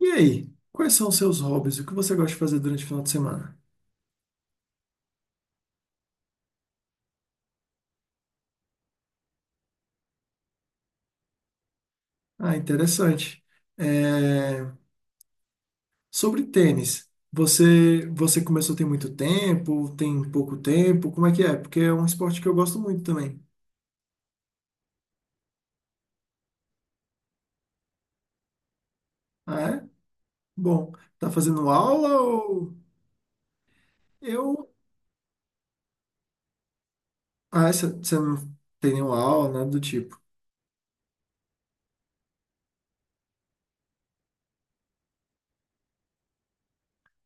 E aí, quais são os seus hobbies? O que você gosta de fazer durante o final de semana? Ah, interessante. É, Sobre tênis, você começou tem muito tempo, tem pouco tempo, como é que é? Porque é um esporte que eu gosto muito também. Ah, é? Bom, tá fazendo aula ou eu? Ah, você não tem nenhuma aula, nada do tipo.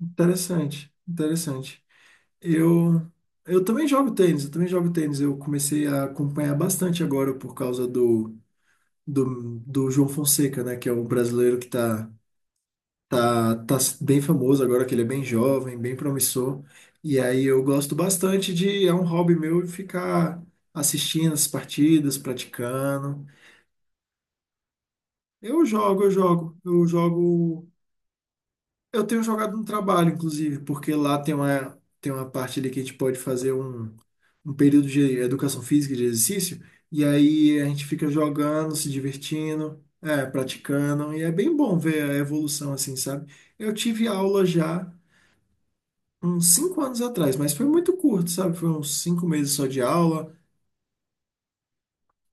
Interessante, interessante. Eu eu também jogo tênis, eu também jogo tênis. Eu comecei a acompanhar bastante agora por causa do João Fonseca, né? Que é um brasileiro que tá, tá, tá bem famoso agora, que ele é bem jovem, bem promissor. E aí eu gosto bastante de, é um hobby meu ficar assistindo as partidas, praticando. Eu jogo, eu jogo, eu jogo. Eu tenho jogado no trabalho, inclusive, porque lá tem uma parte ali que a gente pode fazer um período de educação física, de exercício, e aí a gente fica jogando, se divertindo, praticando, e é bem bom ver a evolução assim, sabe? Eu tive aula já uns 5 anos atrás, mas foi muito curto, sabe? Foi uns 5 meses só de aula.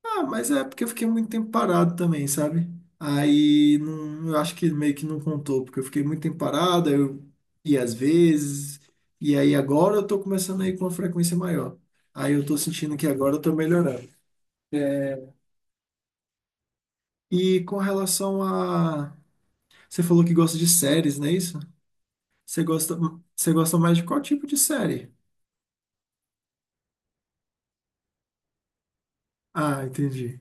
Ah, mas é porque eu fiquei muito tempo parado também, sabe? Aí não, eu acho que meio que não contou, porque eu fiquei muito tempo parado, aí eu ia às vezes, e aí agora eu tô começando a ir com uma frequência maior. Aí eu tô sentindo que agora eu tô melhorando. E com relação a. Você falou que gosta de séries, não é isso? Você gosta, você gosta mais de qual tipo de série? Ah, entendi.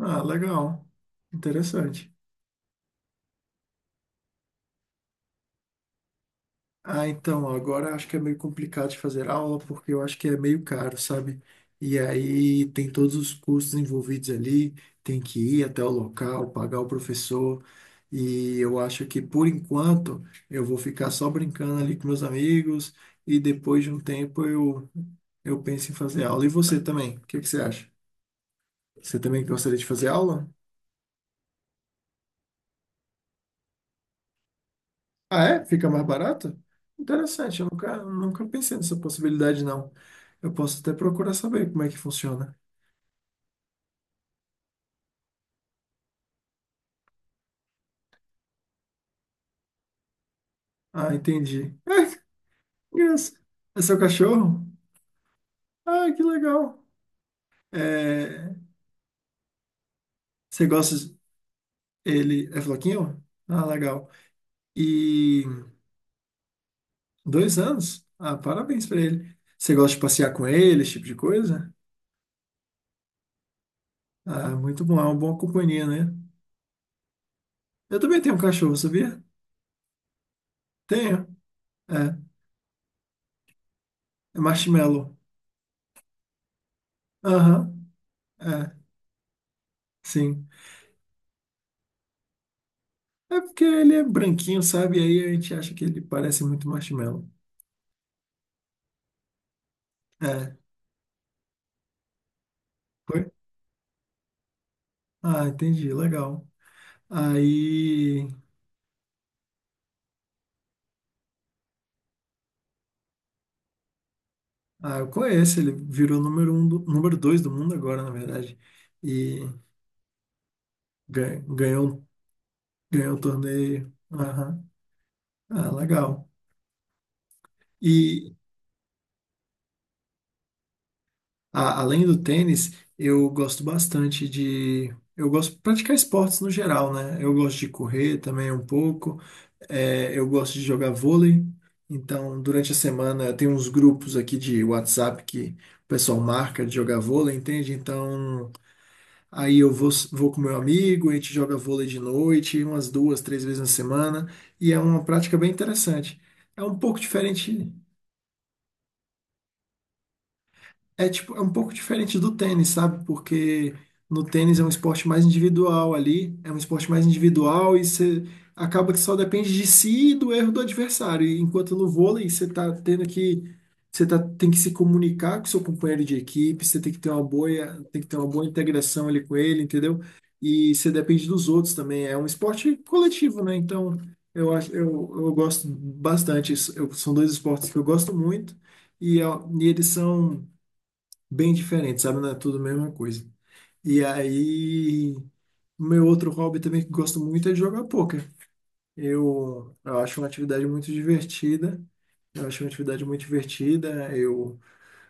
Ah, legal. Interessante. Ah, então, agora acho que é meio complicado de fazer aula, porque eu acho que é meio caro, sabe? E aí tem todos os custos envolvidos ali, tem que ir até o local, pagar o professor, e eu acho que por enquanto eu vou ficar só brincando ali com meus amigos, e depois de um tempo eu penso em fazer aula. E você também, o que que você acha? Você também gostaria de fazer aula? Ah, é? Fica mais barato? Interessante, eu nunca, nunca pensei nessa possibilidade, não. Eu posso até procurar saber como é que funciona. Ah, entendi. Ah, que graça. É seu cachorro? Ah, que legal. É, você gosta de- ele é floquinho? Ah, legal. E 2 anos? Ah, parabéns pra ele. Você gosta de passear com ele, esse tipo de coisa? Ah, muito bom, é uma boa companhia, né? Eu também tenho um cachorro, sabia? Tenho. É, é marshmallow. Aham, é, sim. É porque ele é branquinho, sabe? E aí a gente acha que ele parece muito marshmallow. É, foi? Ah, entendi, legal. Aí. Ah, eu conheço, ele virou número 1 do, número 2 do mundo agora, na verdade. E ganhou, ganhou o torneio. Aham. Ah, legal. E além do tênis, eu gosto bastante de. Eu gosto de praticar esportes no geral, né? Eu gosto de correr também um pouco. É, eu gosto de jogar vôlei, então durante a semana tem uns grupos aqui de WhatsApp que o pessoal marca de jogar vôlei, entende? Então aí eu vou, vou com meu amigo, a gente joga vôlei de noite, umas 2, 3 vezes na semana, e é uma prática bem interessante. É um pouco diferente É tipo, é um pouco diferente do tênis, sabe? Porque no tênis é um esporte mais individual ali, é um esporte mais individual e você acaba que só depende de si e do erro do adversário. E enquanto no vôlei você tá tendo que você tá, tem que se comunicar com seu companheiro de equipe, você tem que ter uma boa, tem que ter uma boa integração ali com ele, entendeu? E você depende dos outros também. É um esporte coletivo, né? Então, eu acho, eu gosto bastante. São dois esportes que eu gosto muito e, ó, e eles são bem diferente, sabe? Não é tudo a mesma coisa. E aí, meu outro hobby também que gosto muito é de jogar pôquer. Eu acho uma atividade muito divertida. Eu acho uma atividade muito divertida. Eu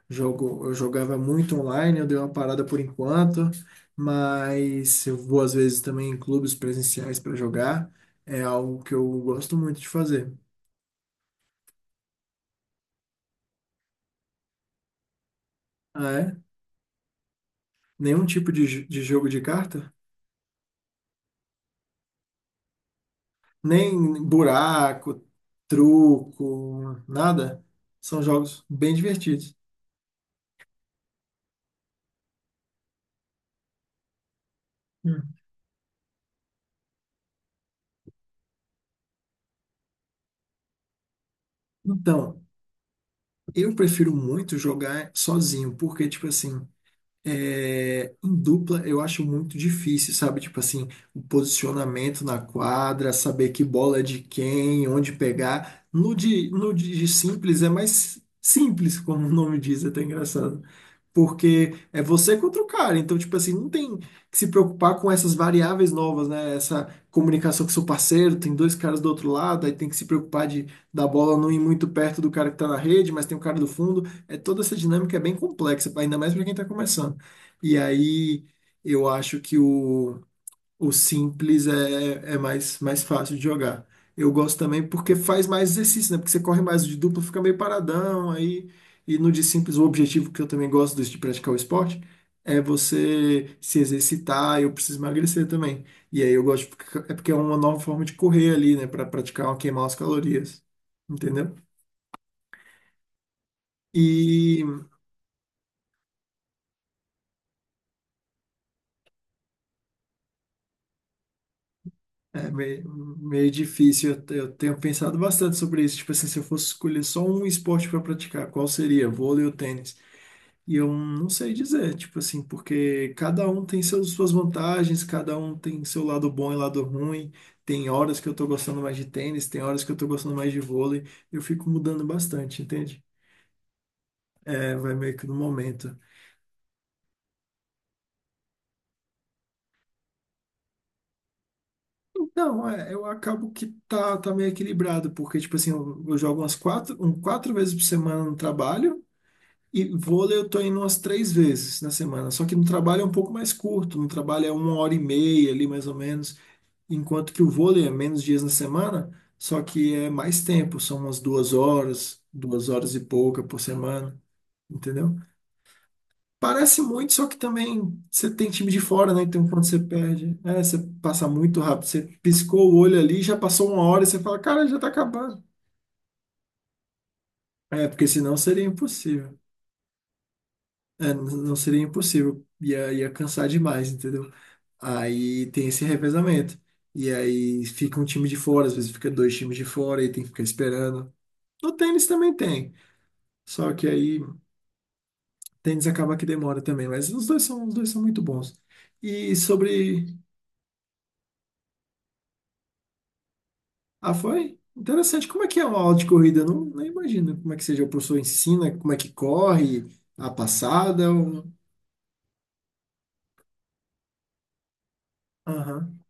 jogo, eu jogava muito online, eu dei uma parada por enquanto, mas eu vou às vezes também em clubes presenciais para jogar. É algo que eu gosto muito de fazer. Ah, é? Nenhum tipo de, de jogo de carta? Nem buraco, truco, nada. São jogos bem divertidos. Hum. Então, eu prefiro muito jogar sozinho, porque, tipo assim, em dupla eu acho muito difícil, sabe? Tipo assim, o posicionamento na quadra, saber que bola é de quem, onde pegar. No de simples é mais simples, como o nome diz, é até engraçado. Porque é você contra o cara. Então, tipo assim, não tem que se preocupar com essas variáveis novas, né? Essa comunicação com seu parceiro, tem dois caras do outro lado, aí tem que se preocupar de da bola não ir muito perto do cara que tá na rede, mas tem o cara do fundo. É toda essa dinâmica é bem complexa, ainda mais para quem tá começando. E aí eu acho que o simples é, é mais, mais fácil de jogar. Eu gosto também porque faz mais exercício, né? Porque você corre mais o de duplo, fica meio paradão, aí e no de simples o objetivo que eu também gosto desse de praticar o esporte é você se exercitar, eu preciso emagrecer também. E aí eu gosto porque é uma nova forma de correr ali, né, para praticar, queimar as calorias. Entendeu? E é meio, meio difícil. Eu tenho pensado bastante sobre isso. Tipo assim, se eu fosse escolher só um esporte para praticar, qual seria? Vôlei ou tênis? E eu não sei dizer, tipo assim, porque cada um tem seus, suas vantagens, cada um tem seu lado bom e lado ruim. Tem horas que eu tô gostando mais de tênis, tem horas que eu tô gostando mais de vôlei. Eu fico mudando bastante, entende? É, vai meio que no momento. Não, é, eu acabo que tá, tá meio equilibrado, porque, tipo assim, eu jogo umas quatro, quatro vezes por semana no trabalho. E vôlei eu tô indo umas 3 vezes na semana. Só que no trabalho é um pouco mais curto, no trabalho é 1 hora e meia ali, mais ou menos. Enquanto que o vôlei é menos dias na semana, só que é mais tempo, são umas 2 horas, 2 horas e pouca por semana, entendeu? Parece muito, só que também você tem time de fora, né? Então quando você perde, é, você passa muito rápido, você piscou o olho ali, já passou 1 hora e você fala, cara, já tá acabando. É, porque senão seria impossível. É, não seria impossível, ia cansar demais, entendeu? Aí tem esse revezamento. E aí fica um time de fora, às vezes fica 2 times de fora e tem que ficar esperando. No tênis também tem. Só que aí tênis acaba que demora também, mas os dois são muito bons. E sobre. Ah, foi? Interessante. Como é que é uma aula de corrida? Eu não, não imagino como é que seja. O professor ensina, como é que corre, a passada. Ou- Aham,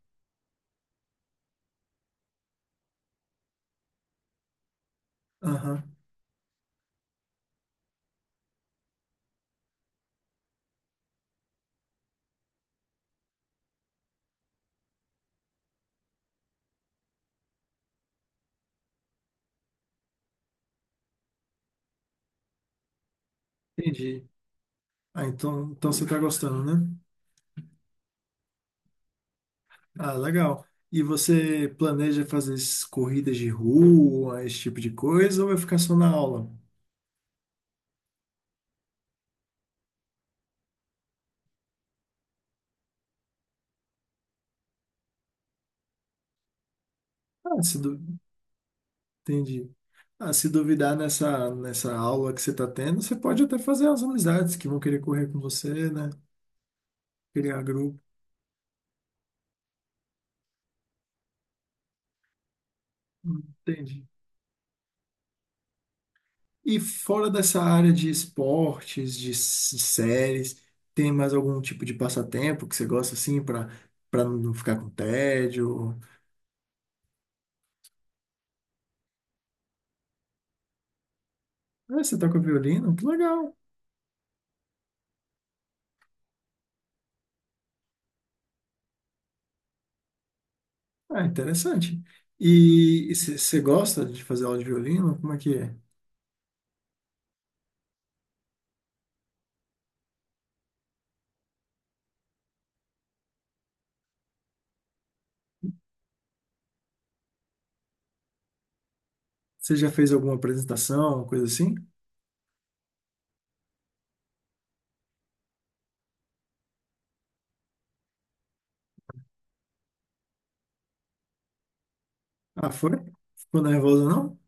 aham. Entendi. Ah, então, então você tá gostando, né? Ah, legal. E você planeja fazer essas corridas de rua, esse tipo de coisa, ou vai ficar só na aula? Ah, se du... Entendi. Ah, se duvidar nessa, nessa aula que você está tendo, você pode até fazer as amizades que vão querer correr com você, né? Criar grupo. Entendi. E fora dessa área de esportes, de séries, tem mais algum tipo de passatempo que você gosta assim para para não ficar com tédio? Ah, você toca violino? Que legal. Ah, interessante. E e você gosta de fazer aula de violino? Como é que é? Você já fez alguma apresentação, coisa assim? Ah, foi? Ficou nervosa não?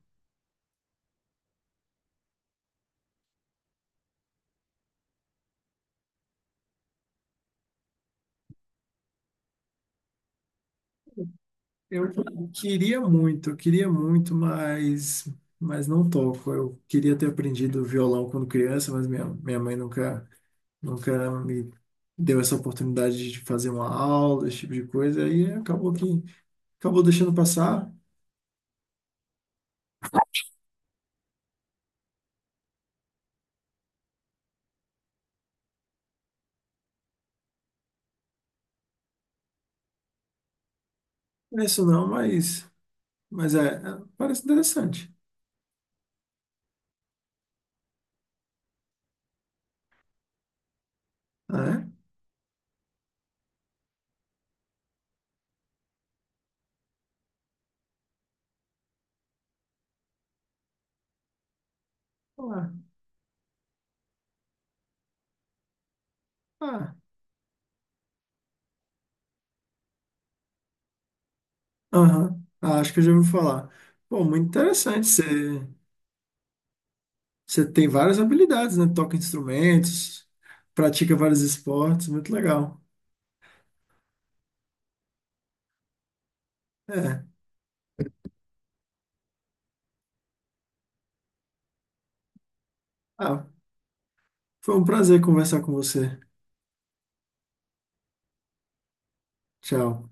Eu eu queria muito, mas não toco. Eu queria ter aprendido violão quando criança, mas minha mãe nunca, nunca me deu essa oportunidade de fazer uma aula, esse tipo de coisa, aí acabou deixando passar. Não é isso não, mas é, é, parece interessante. Né? é? Ah, ah, aham. Ah, acho que eu já ouvi falar. Pô, muito interessante você. Você tem várias habilidades, né? Toca instrumentos, pratica vários esportes, muito legal. É. Ah, foi um prazer conversar com você. Tchau.